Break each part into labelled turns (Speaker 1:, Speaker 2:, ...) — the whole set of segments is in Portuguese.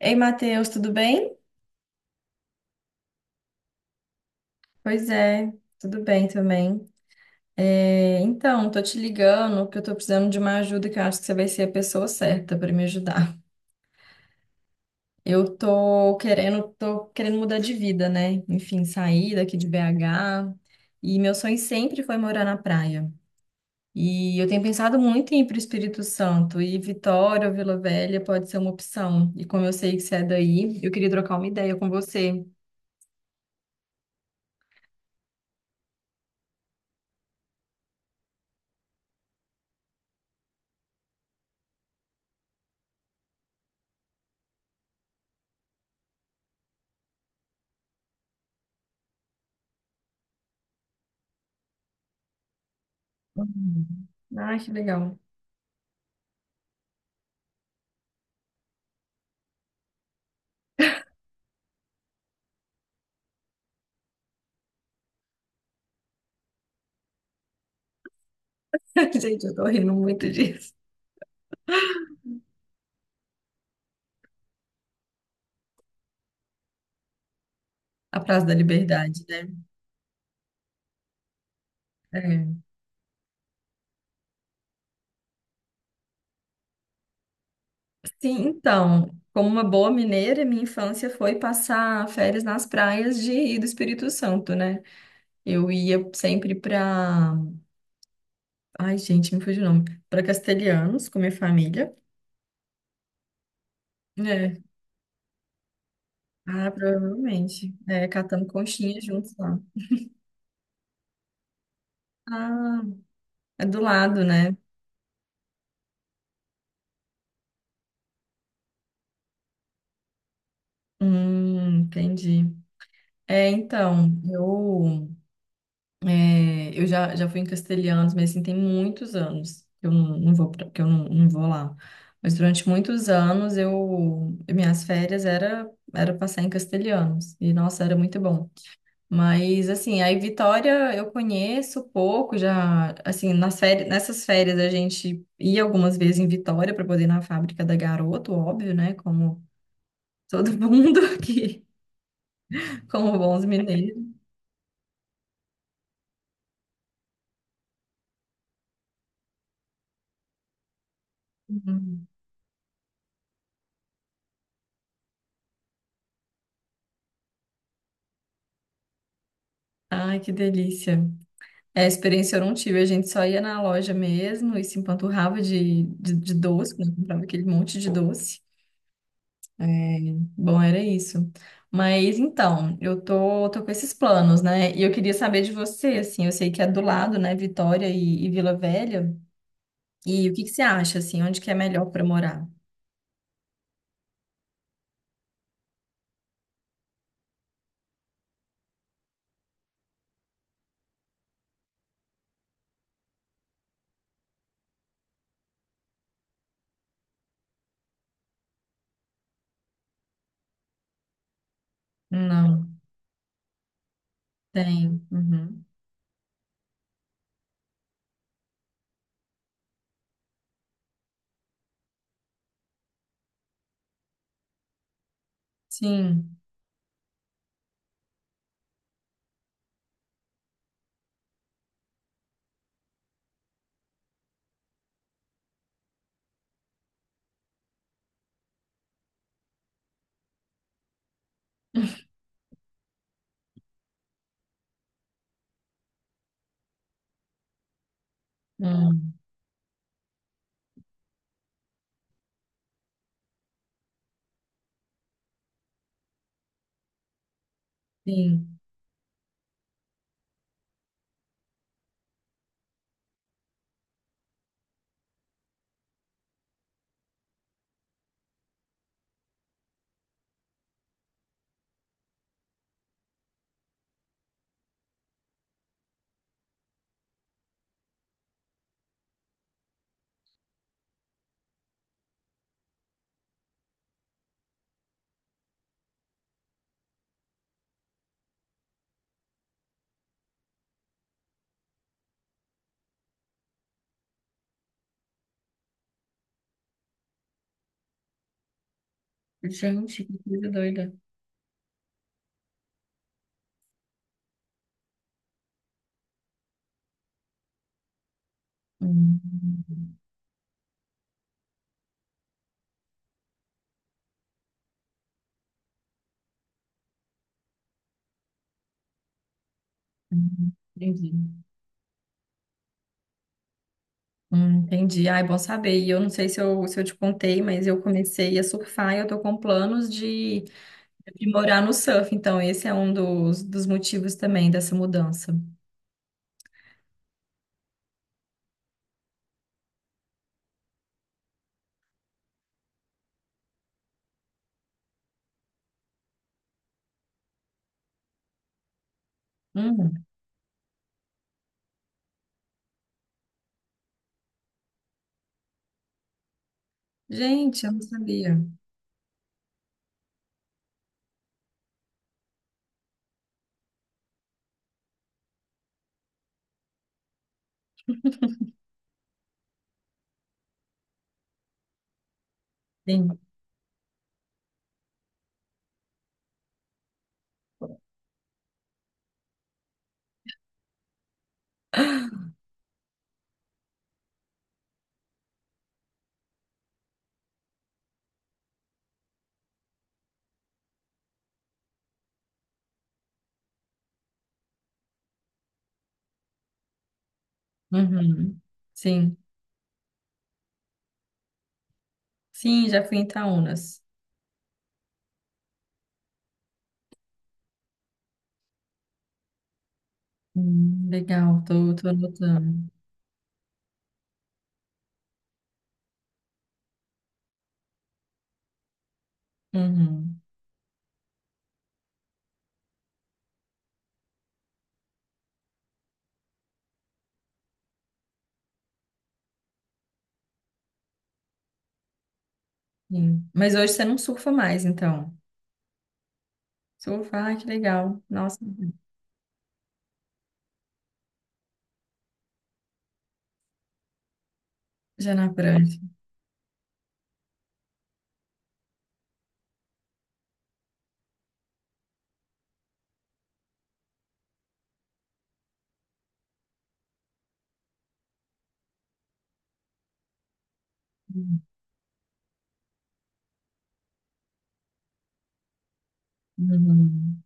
Speaker 1: Ei, Matheus, tudo bem? Pois é, tudo bem também. Então, tô te ligando porque eu tô precisando de uma ajuda que eu acho que você vai ser a pessoa certa para me ajudar. Eu tô querendo mudar de vida, né? Enfim, sair daqui de BH. E meu sonho sempre foi morar na praia. E eu tenho pensado muito em ir para o Espírito Santo e Vitória ou Vila Velha pode ser uma opção. E como eu sei que você é daí, eu queria trocar uma ideia com você. Uhum. Ah, que legal. Gente, eu tô rindo muito disso. A Praça da Liberdade, né? É. Sim, então, como uma boa mineira, minha infância foi passar férias nas praias de do Espírito Santo, né? Eu ia sempre pra. Ai, gente, me fugiu o nome. Pra Castelhanos, com minha família. É. Ah, provavelmente. É, catando conchinha juntos lá. Ah, é do lado, né? Entendi. É, então, eu eu já fui em Castelhanos, mas assim, tem muitos anos que eu não, não vou, pra- que eu não, não vou lá. Mas durante muitos anos, eu, minhas férias era passar em Castelhanos. E, nossa, era muito bom. Mas, assim, aí Vitória eu conheço pouco, já, assim, nas férias, nessas férias a gente ia algumas vezes em Vitória para poder ir na fábrica da Garoto, óbvio, né? Como todo mundo aqui, como bons mineiros. Uhum. Ai, que delícia. É, experiência eu não tive, a gente só ia na loja mesmo e se empanturrava de doce, né? Comprava aquele monte de doce. É, bom, era isso. Mas então, eu tô com esses planos, né? E eu queria saber de você, assim, eu sei que é do lado, né, Vitória e Vila Velha. E o que que você acha, assim, onde que é melhor para morar? Não, tem. Uhum. Sim, hum, sim. Gente, que coisa doida. Hum, entendi. Entendi. Ah, é bom saber. E eu não sei se eu te contei, mas eu comecei a surfar e eu tô com planos de morar no surf. Então, esse é um dos motivos também dessa mudança. Hum, gente, eu não sabia. Sim. Uhum. Sim. Sim, já fui em Itaúnas. Legal, tô anotando. Uhum. Sim. Mas hoje você não surfa mais, então. Surfa, ai, que legal. Nossa, já na prancha. Uhum.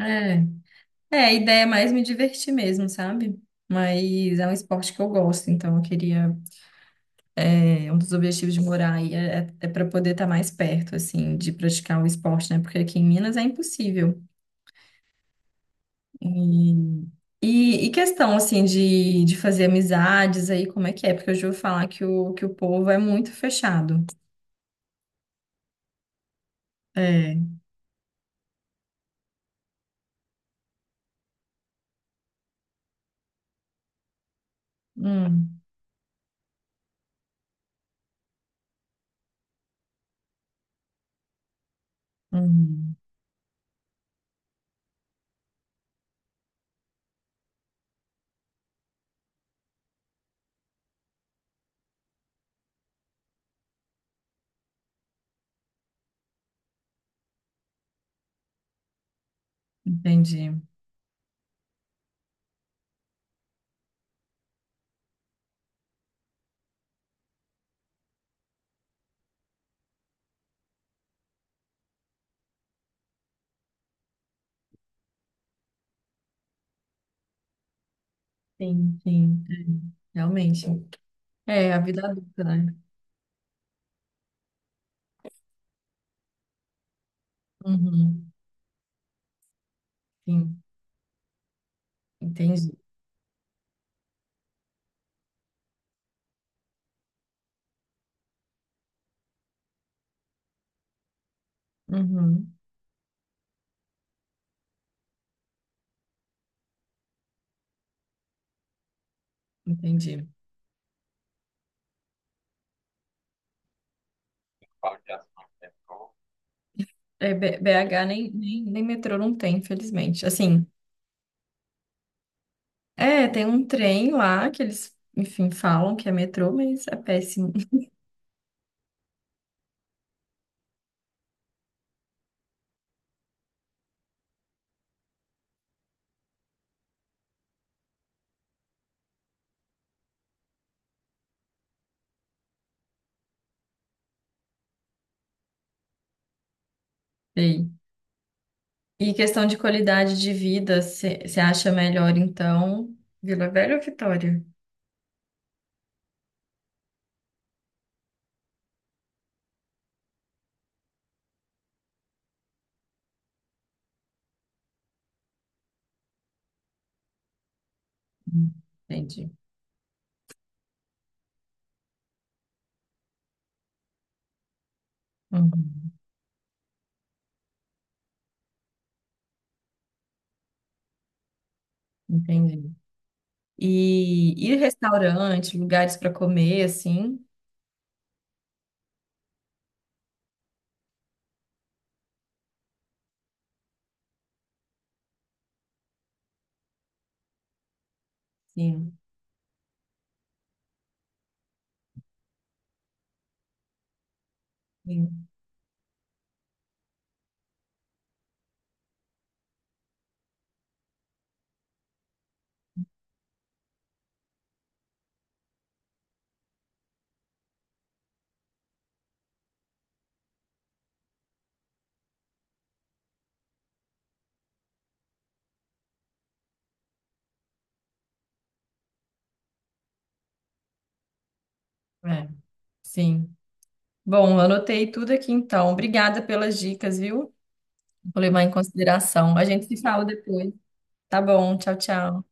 Speaker 1: É. É, a ideia é mais me divertir mesmo, sabe? Mas é um esporte que eu gosto, então eu queria. É, um dos objetivos de morar aí é para poder estar mais perto, assim, de praticar o esporte, né? Porque aqui em Minas é impossível. E, e questão, assim, de fazer amizades aí, como é que é? Porque eu já ouvi falar que o povo é muito fechado. É. Hum, hum, entendi. Sim, sim. Realmente. É, a vida adulta, né? Uhum, sim, entendi. Uhum, entendi. É, BH nem metrô não tem, infelizmente. Assim, é, tem um trem lá que eles, enfim, falam que é metrô, mas é péssimo. Sei. E questão de qualidade de vida, você acha melhor, então, Vila Velha ou Vitória? Hum, Entendi. Uhum, entendi. E restaurante, lugares para comer, assim? Sim, sim. É, sim. Bom, anotei tudo aqui, então. Obrigada pelas dicas, viu? Vou levar em consideração. A gente se fala depois. Tá bom, tchau, tchau.